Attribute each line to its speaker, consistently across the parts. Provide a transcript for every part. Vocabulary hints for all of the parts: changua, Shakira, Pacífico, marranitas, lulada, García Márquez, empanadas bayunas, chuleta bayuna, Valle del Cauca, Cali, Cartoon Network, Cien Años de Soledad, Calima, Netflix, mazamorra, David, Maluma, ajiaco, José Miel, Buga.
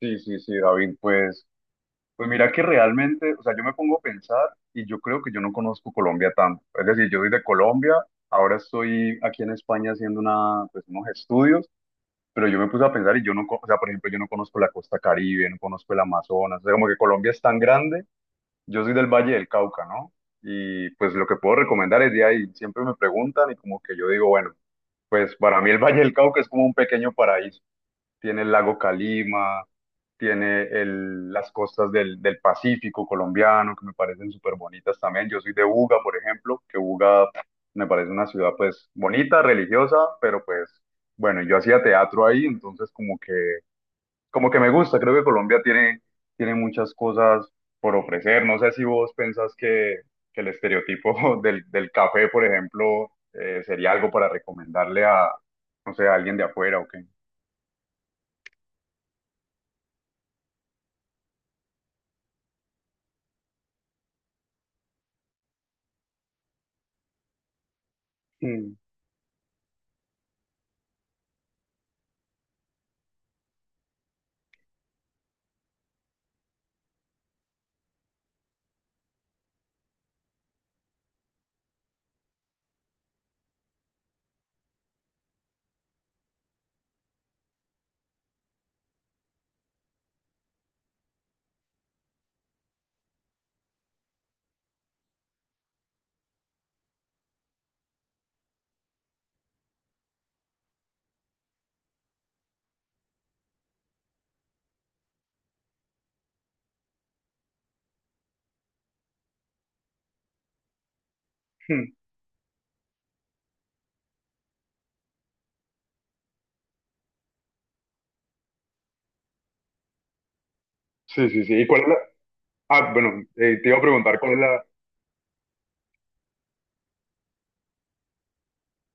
Speaker 1: Sí, sí, sí, David, pues, pues mira que realmente, o sea, yo me pongo a pensar y yo creo que yo no conozco Colombia tanto. Es decir, yo soy de Colombia, ahora estoy aquí en España haciendo una, pues, unos estudios, pero yo me puse a pensar y yo no, co- o sea, por ejemplo, yo no conozco la costa Caribe, no conozco el Amazonas, o sea, como que Colombia es tan grande, yo soy del Valle del Cauca, ¿no? Y pues lo que puedo recomendar es de ahí, siempre me preguntan y como que yo digo, bueno, pues para mí el Valle del Cauca es como un pequeño paraíso, tiene el lago Calima, tiene las costas del Pacífico colombiano, que me parecen súper bonitas también. Yo soy de Buga, por ejemplo, que Buga me parece una ciudad pues bonita, religiosa, pero pues bueno, yo hacía teatro ahí, entonces como que me gusta, creo que Colombia tiene, tiene muchas cosas por ofrecer. No sé si vos pensás que el estereotipo del café, por ejemplo, sería algo para recomendarle a, no sé, a alguien de afuera o qué. Mm. Sí, sí, sí. ¿Y cuál es la... Ah, bueno, te iba a preguntar,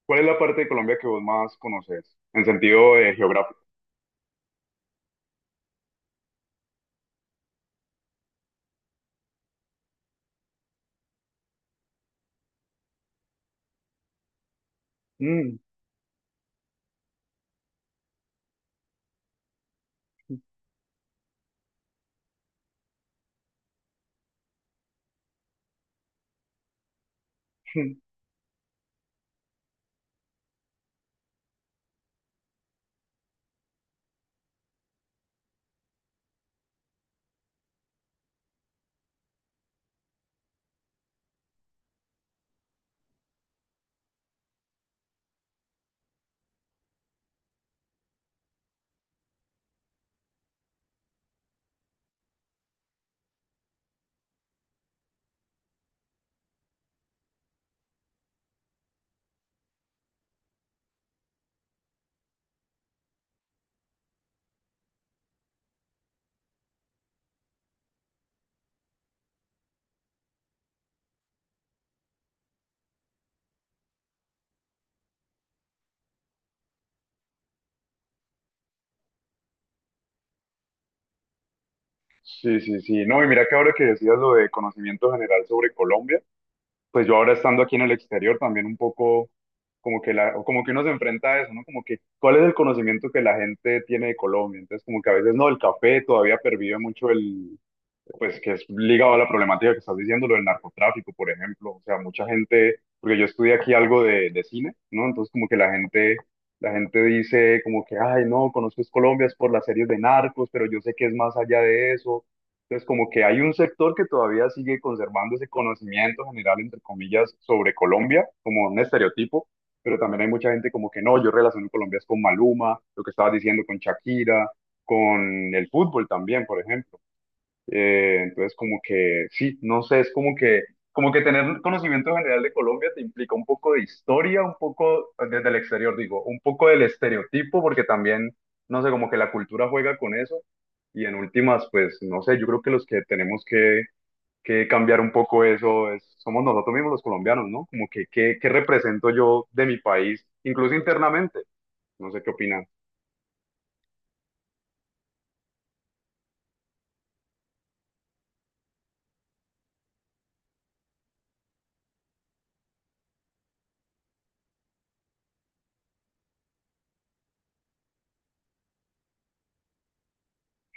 Speaker 1: cuál es la parte de Colombia que vos más conoces en sentido geográfico? Mm. Sí, sí, sí. No, y mira que ahora que decías lo de conocimiento general sobre Colombia, pues yo ahora estando aquí en el exterior también un poco como que la, como que uno se enfrenta a eso, ¿no? Como que, ¿cuál es el conocimiento que la gente tiene de Colombia? Entonces, como que a veces no, el café todavía pervive mucho el, pues que es ligado a la problemática que estás diciendo, lo del narcotráfico, por ejemplo. O sea, mucha gente, porque yo estudié aquí algo de cine, ¿no? Entonces como que la gente dice como que, ay, no, conozco es Colombia es por las series de narcos, pero yo sé que es más allá de eso. Entonces como que hay un sector que todavía sigue conservando ese conocimiento general, entre comillas, sobre Colombia, como un estereotipo. Pero también hay mucha gente como que no, yo relaciono Colombia es con Maluma, lo que estabas diciendo con Shakira, con el fútbol también, por ejemplo, entonces, como que, sí, no sé, es como que tener un conocimiento general de Colombia te implica un poco de historia, un poco desde el exterior, digo, un poco del estereotipo, porque también, no sé, como que la cultura juega con eso. Y en últimas, pues, no sé, yo creo que los que tenemos que cambiar un poco eso es, somos nosotros mismos los colombianos, ¿no? Como que, ¿qué, qué represento yo de mi país, incluso internamente? No sé qué opinan.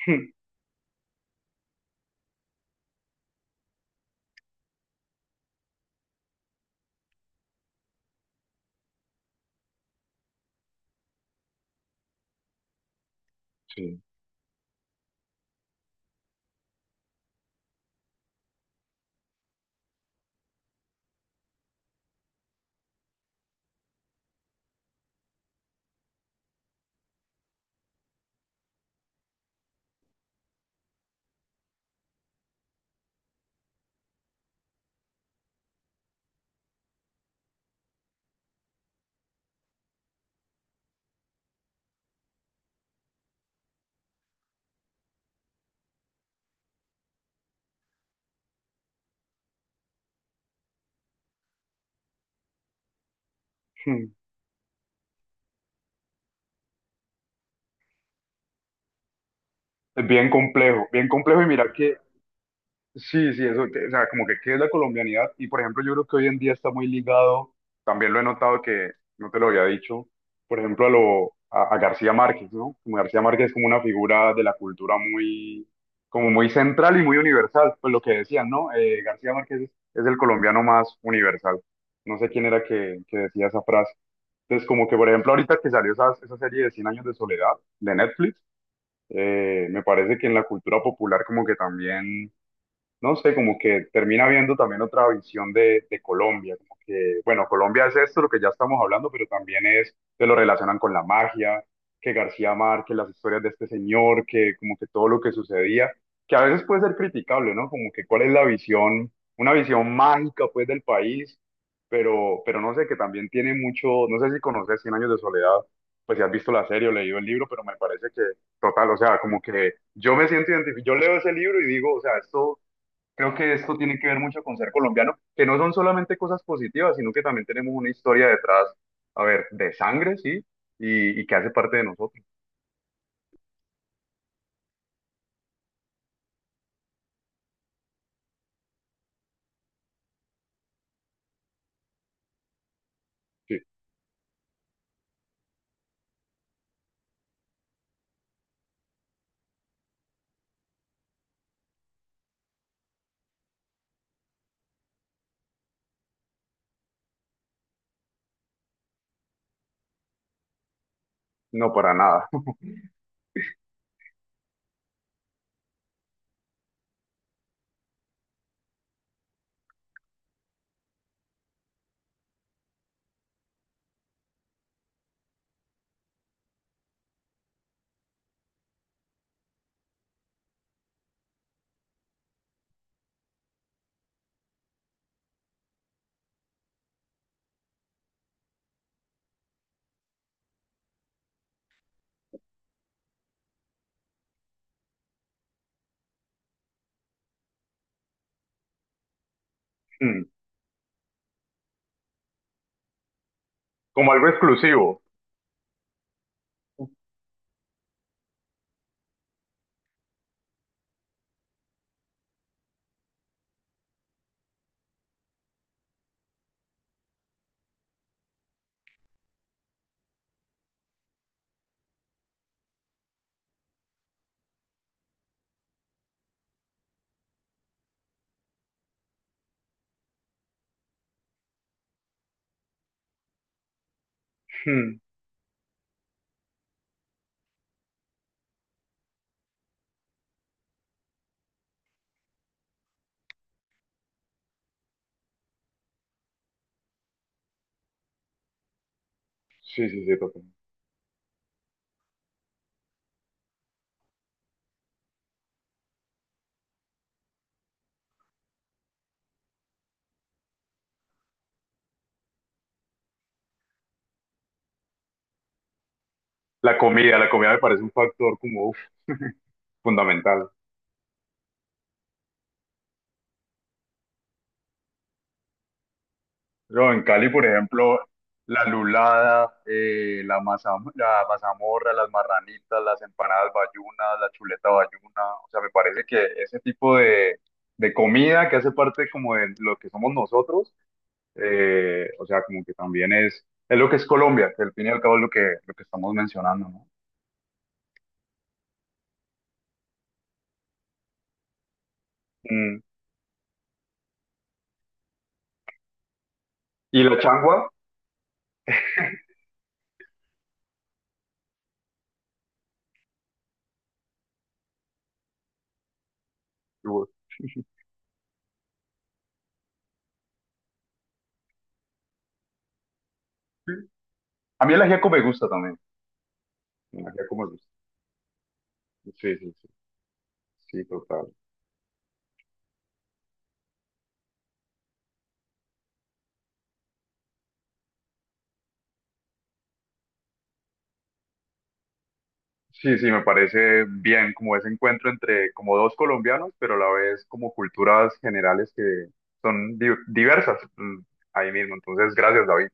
Speaker 1: Sí. Es bien complejo, bien complejo. Y mira que sí, sí, eso, que- o sea, como que qué es la colombianidad. Y por ejemplo, yo creo que hoy en día está muy ligado, también lo he notado que no te lo había dicho, por ejemplo, a a García Márquez, ¿no? Como García Márquez es como una figura de la cultura muy, como muy central y muy universal. Pues lo que decían, ¿no? García Márquez es el colombiano más universal. No sé quién era que decía esa frase. Entonces, como que por ejemplo, ahorita que salió esa, esa serie de Cien Años de Soledad de Netflix, me parece que en la cultura popular como que también no sé, como que termina viendo también otra visión de Colombia, como que, bueno, Colombia es esto, lo que ya estamos hablando, pero también es, que lo relacionan con la magia, que García Márquez, las historias de este señor, que como que todo lo que sucedía, que a veces puede ser criticable, ¿no? Como que cuál es la visión, una visión mágica pues del país, pero no sé, que también tiene mucho, no sé si conoces Cien Años de Soledad, pues si has visto la serie o leído el libro, pero me parece que, total, o sea, como que yo me siento identificado, yo leo ese libro y digo, o sea, esto. Creo que esto tiene que ver mucho con ser colombiano, que no son solamente cosas positivas, sino que también tenemos una historia detrás, a ver, de sangre, sí, y que hace parte de nosotros. Sí, no para nada. Mm. Como algo exclusivo. Mm. Sí, sí, sí, totalmente. La comida me parece un factor como uf, fundamental. Yo en Cali, por ejemplo, la lulada, la masa, la mazamorra, las marranitas, las empanadas bayunas, la chuleta bayuna, o sea, me parece que ese tipo de comida que hace parte como de lo que somos nosotros, o sea, como que también es lo que es Colombia, que al fin y al cabo es lo que estamos mencionando, ¿no? Mm. Y la changua, sí. A mí el ajiaco me gusta también, el ajiaco me gusta, sí, sí, sí, sí, total. Sí, sí, me parece bien como ese encuentro entre como dos colombianos, pero a la vez como culturas generales que son di- diversas, mm, ahí mismo. Entonces, gracias, David.